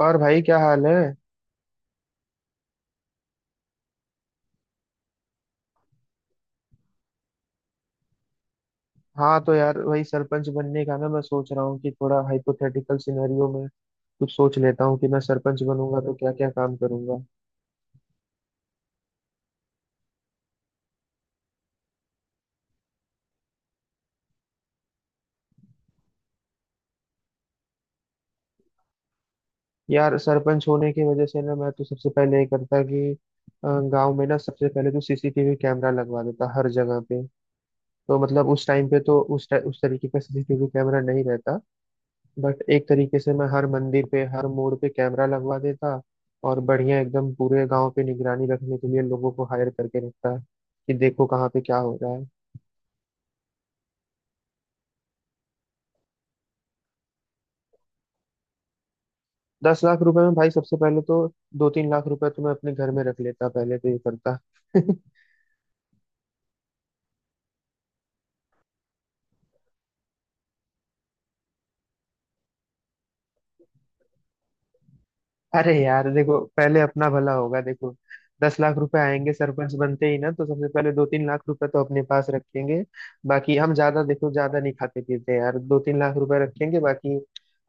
और भाई क्या हाल है? हाँ, तो यार वही सरपंच बनने का ना मैं सोच रहा हूँ कि थोड़ा हाइपोथेटिकल सिनेरियो में कुछ सोच लेता हूँ कि मैं सरपंच बनूंगा तो क्या क्या काम करूंगा। यार सरपंच होने की वजह से ना मैं तो सबसे पहले ये करता कि गाँव में ना सबसे पहले तो सीसीटीवी कैमरा लगवा देता हर जगह पे। तो मतलब उस टाइम पे तो उस तरीके का सीसीटीवी कैमरा नहीं रहता। बट एक तरीके से मैं हर मंदिर पे हर मोड़ पे कैमरा लगवा देता, और बढ़िया एकदम पूरे गांव पे निगरानी रखने के लिए लोगों को हायर करके रखता कि देखो कहाँ पे क्या हो रहा है। 10 लाख रुपए में भाई सबसे पहले तो 2-3 लाख रुपए तो मैं अपने घर में रख लेता, पहले तो ये करता। अरे यार देखो, पहले अपना भला होगा। देखो दस लाख रुपए आएंगे सरपंच बनते ही ना, तो सबसे पहले 2-3 लाख रुपए तो अपने पास रखेंगे। बाकी हम ज्यादा देखो ज्यादा नहीं खाते पीते यार, 2-3 लाख रुपए रखेंगे बाकी,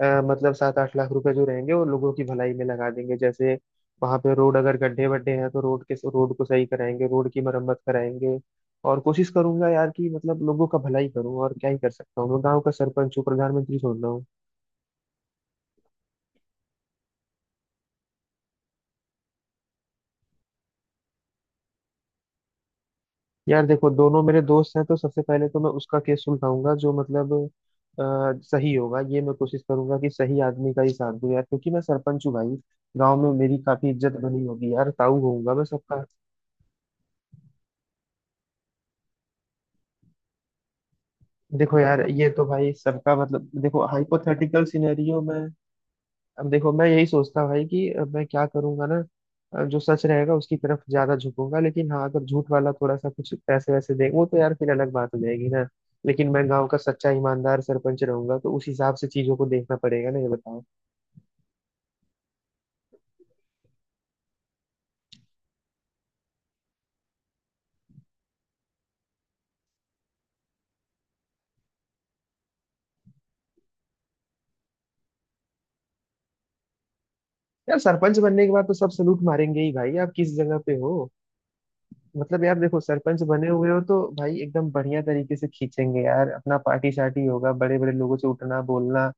मतलब 7-8 लाख रुपए जो रहेंगे वो लोगों की भलाई में लगा देंगे। जैसे वहां पे रोड अगर गड्ढे वड्ढे हैं तो रोड के, रोड को सही कराएंगे, रोड की मरम्मत कराएंगे। और कोशिश करूंगा यार कि मतलब लोगों का भलाई करूं, और क्या ही कर सकता हूँ, मैं गाँव का सरपंच हूँ, प्रधानमंत्री थोड़ी ना। यार देखो, दोनों मेरे दोस्त हैं तो सबसे पहले तो मैं उसका केस सुलझाऊंगा जो मतलब सही होगा। ये मैं कोशिश करूंगा कि सही आदमी का ही साथ दूं यार, क्योंकि मैं सरपंच हूँ भाई, गांव में मेरी काफी इज्जत बनी होगी यार, ताऊ होऊंगा मैं सबका। देखो यार ये तो भाई सबका मतलब, देखो हाइपोथेटिकल सिनेरियो में अब देखो मैं यही सोचता हूँ भाई कि अब मैं क्या करूंगा ना। जो सच रहेगा उसकी तरफ ज्यादा झुकूंगा, लेकिन हाँ अगर झूठ वाला थोड़ा सा कुछ पैसे वैसे दे, वो तो यार फिर अलग बात हो जाएगी ना। लेकिन मैं गांव का सच्चा ईमानदार सरपंच रहूंगा, तो उस हिसाब से चीजों को देखना पड़ेगा ना, ये बताओ। यार सरपंच बनने के बाद तो सब सलूट मारेंगे ही भाई, आप किस जगह पे हो। मतलब यार देखो, सरपंच बने हुए हो तो भाई एकदम बढ़िया तरीके से खींचेंगे यार, अपना पार्टी शार्टी होगा, बड़े बड़े लोगों से उठना बोलना।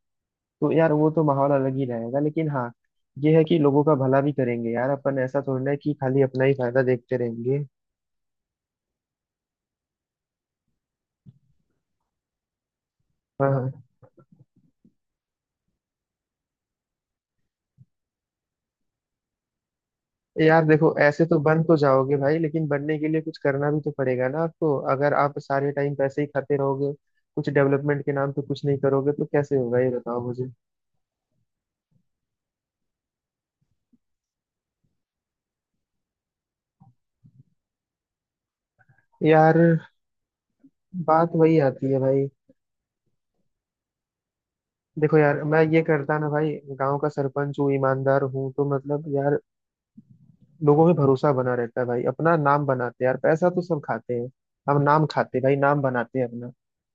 तो यार वो तो माहौल अलग ही रहेगा, लेकिन हाँ ये है कि लोगों का भला भी करेंगे यार, अपन ऐसा थोड़ी ना है कि खाली अपना ही फायदा देखते रहेंगे। हाँ, हाँ। यार देखो ऐसे तो बन तो जाओगे भाई, लेकिन बनने के लिए कुछ करना भी तो पड़ेगा ना आपको, अगर आप सारे टाइम पैसे ही खाते रहोगे, कुछ डेवलपमेंट के नाम पे कुछ नहीं करोगे तो कैसे होगा, ये बताओ मुझे यार। बात वही आती है भाई। देखो यार मैं ये करता ना भाई, गांव का सरपंच हूँ, ईमानदार हूँ, तो मतलब यार लोगों में भरोसा बना रहता है भाई, अपना नाम बनाते हैं यार, पैसा तो सब खाते हैं, हम नाम खाते हैं भाई, नाम बनाते हैं अपना,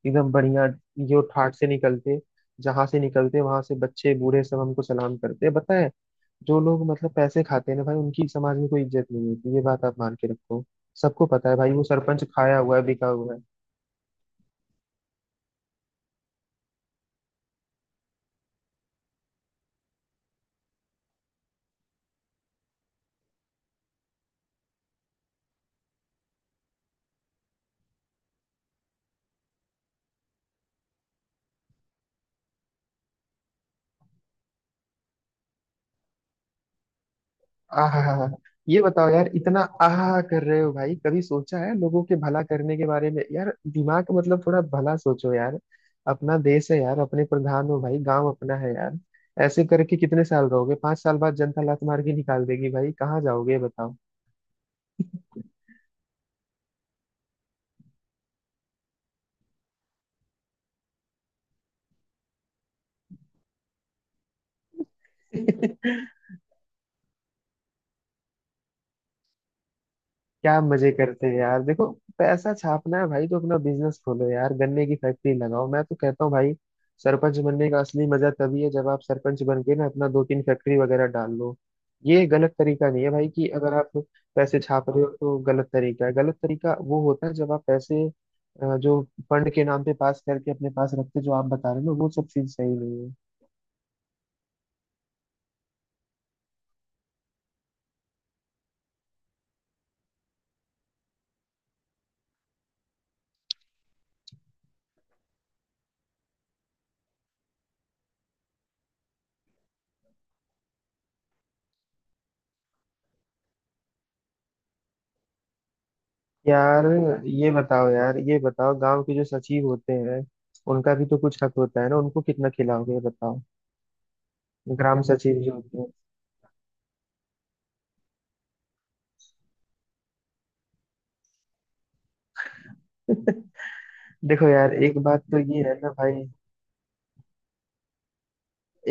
एकदम बढ़िया। जो ठाट से निकलते, जहां से निकलते वहां से बच्चे बूढ़े सब हमको सलाम करते हैं, पता है। जो लोग मतलब पैसे खाते हैं ना भाई, उनकी समाज में कोई इज्जत नहीं होती, ये बात आप मान के रखो, सबको पता है भाई वो सरपंच खाया हुआ है, बिका हुआ है। आहा। ये बताओ यार इतना आहा कर रहे हो भाई, कभी सोचा है लोगों के भला करने के बारे में यार, दिमाग मतलब थोड़ा भला सोचो यार, अपना देश है यार, अपने प्रधान हो भाई, गांव अपना है यार। ऐसे करके कितने साल रहोगे, 5 साल बाद जनता लात मार के निकाल देगी भाई, कहाँ जाओगे, ये बताओ। क्या मजे करते हैं यार, देखो पैसा छापना है भाई तो अपना बिजनेस खोलो यार, गन्ने की फैक्ट्री लगाओ, मैं तो कहता हूँ भाई सरपंच बनने का असली मजा तभी है जब आप सरपंच बन के ना अपना दो तीन फैक्ट्री वगैरह डाल लो। ये गलत तरीका नहीं है भाई कि अगर आप पैसे छाप रहे हो तो गलत तरीका है, गलत तरीका वो होता है जब आप पैसे जो फंड के नाम पे पास करके अपने पास रखते हो, जो आप बता रहे हो ना वो सब चीज सही नहीं है यार। ये बताओ यार, ये बताओ गांव के जो सचिव होते हैं, उनका भी तो कुछ हक होता है ना, उनको कितना खिलाओगे, ये बताओ। ग्राम सचिव जो होते हैं। देखो यार एक बात तो ये है ना भाई,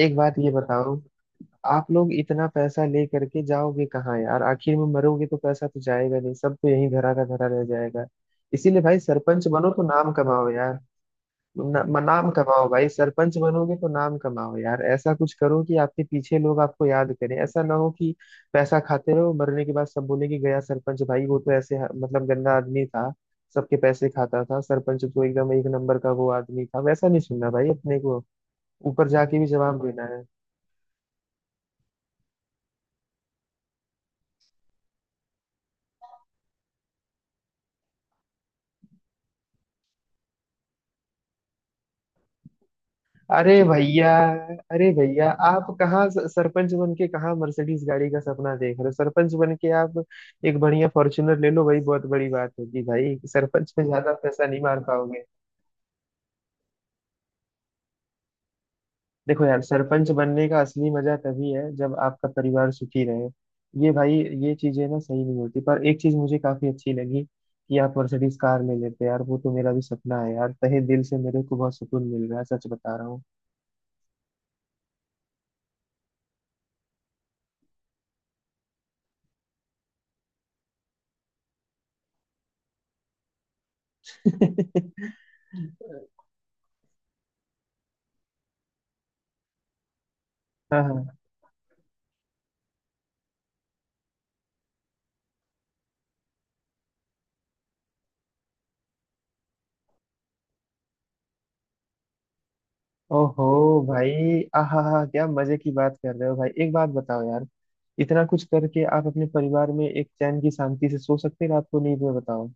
एक बात ये बताओ, आप लोग इतना पैसा ले करके जाओगे कहाँ यार, आखिर में मरोगे तो पैसा तो जाएगा नहीं, सब तो यहीं धरा का धरा रह जाएगा। इसीलिए भाई सरपंच बनो तो नाम कमाओ यार, न, म- नाम कमाओ भाई, सरपंच बनोगे तो नाम कमाओ यार, ऐसा कुछ करो कि आपके पीछे लोग आपको याद करें, ऐसा ना हो कि पैसा खाते रहो मरने के बाद सब बोले कि गया सरपंच, भाई वो तो ऐसे मतलब गंदा आदमी था, सबके पैसे खाता था, सरपंच तो एकदम एक नंबर का वो आदमी था, वैसा नहीं सुनना भाई अपने को, ऊपर जाके भी जवाब देना है। अरे भैया, अरे भैया आप कहाँ, सरपंच बन के कहाँ मर्सिडीज गाड़ी का सपना देख रहे हो, सरपंच बन के आप एक बढ़िया फॉर्च्यूनर ले लो, वही बहुत बड़ी बात होगी भाई, सरपंच में ज्यादा पैसा नहीं मार पाओगे। देखो यार सरपंच बनने का असली मजा तभी है जब आपका परिवार सुखी रहे, ये भाई, ये चीजें ना सही नहीं होती, पर एक चीज मुझे काफी अच्छी लगी कि आप मर्सिडीज कार ले लेते यार, वो तो मेरा भी सपना है यार, तहे दिल से मेरे को बहुत सुकून मिल रहा है, सच बता रहा हूँ। हाँ, हाँ। ओहो, भाई आहा हा, क्या मजे की बात कर रहे हो भाई, एक बात बताओ यार, इतना कुछ करके आप अपने परिवार में एक चैन की शांति से सो सकते हैं रात को नींद में, बताओ।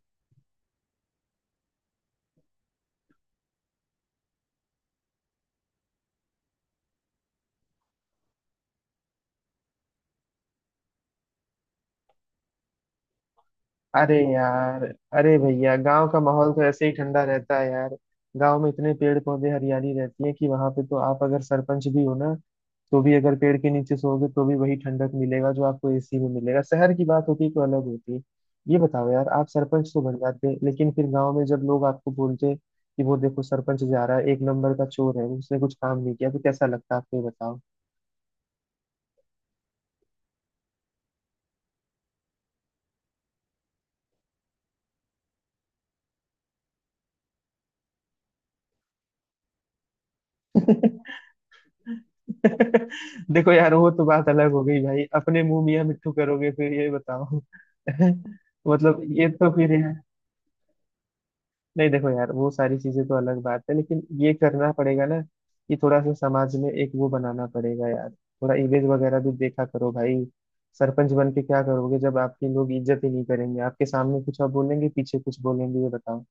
अरे यार, अरे भैया गांव का माहौल तो ऐसे ही ठंडा रहता है यार, गांव में इतने पेड़ पौधे हरियाली रहती है कि वहां पे तो आप अगर सरपंच भी हो ना, तो भी अगर पेड़ के नीचे सोओगे तो भी वही ठंडक मिलेगा जो आपको एसी में मिलेगा, शहर की बात होती तो अलग होती। ये बताओ यार आप सरपंच तो बन जाते लेकिन फिर गांव में जब लोग आपको बोलते कि वो देखो सरपंच जा रहा है, एक नंबर का चोर है, उसने कुछ काम नहीं किया, तो कैसा लगता है आप, ये बताओ। देखो यार वो तो बात अलग हो गई भाई, अपने मुंह मियां मिट्ठू करोगे फिर, ये बताओ। मतलब ये तो फिर है, नहीं देखो यार वो सारी चीजें तो अलग बात है, लेकिन ये करना पड़ेगा ना कि थोड़ा सा समाज में एक वो बनाना पड़ेगा यार, थोड़ा इमेज वगैरह भी देखा करो भाई, सरपंच बन के क्या करोगे जब आपकी लोग इज्जत ही नहीं करेंगे, आपके सामने कुछ और बोलेंगे पीछे कुछ बोलेंगे, ये बताओ।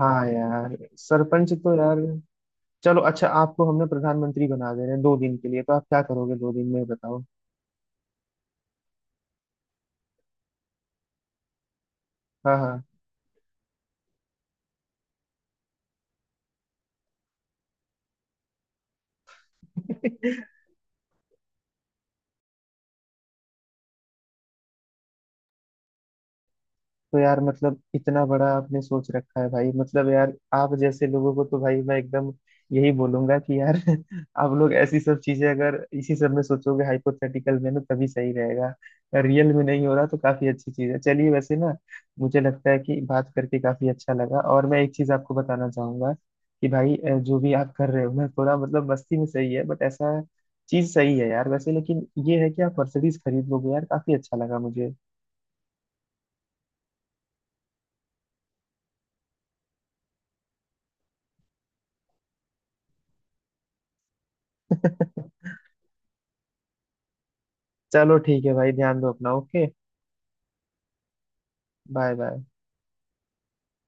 हाँ यार सरपंच तो यार, चलो अच्छा, आपको हमने प्रधानमंत्री बना दे रहे हैं 2 दिन के लिए, तो आप क्या करोगे 2 दिन में, ये बताओ। हाँ, हाँ। तो यार मतलब इतना बड़ा आपने सोच रखा है भाई, मतलब यार आप जैसे लोगों को तो भाई मैं एकदम यही बोलूंगा कि यार, आप लोग ऐसी सब चीजें अगर इसी सब में सोचोगे हाइपोथेटिकल में ना, तभी सही रहेगा, रियल में नहीं हो रहा तो काफी अच्छी चीज है, चलिए वैसे ना, मुझे लगता है कि बात करके काफी अच्छा लगा, और मैं एक चीज आपको बताना चाहूंगा कि भाई जो भी आप कर रहे हो ना, थोड़ा मतलब मस्ती में सही है, बट ऐसा चीज सही है यार वैसे, लेकिन ये है कि आप मर्सिडीज खरीद लोगे यार, काफी अच्छा लगा मुझे। चलो ठीक है भाई, ध्यान दो अपना, ओके। Bye bye.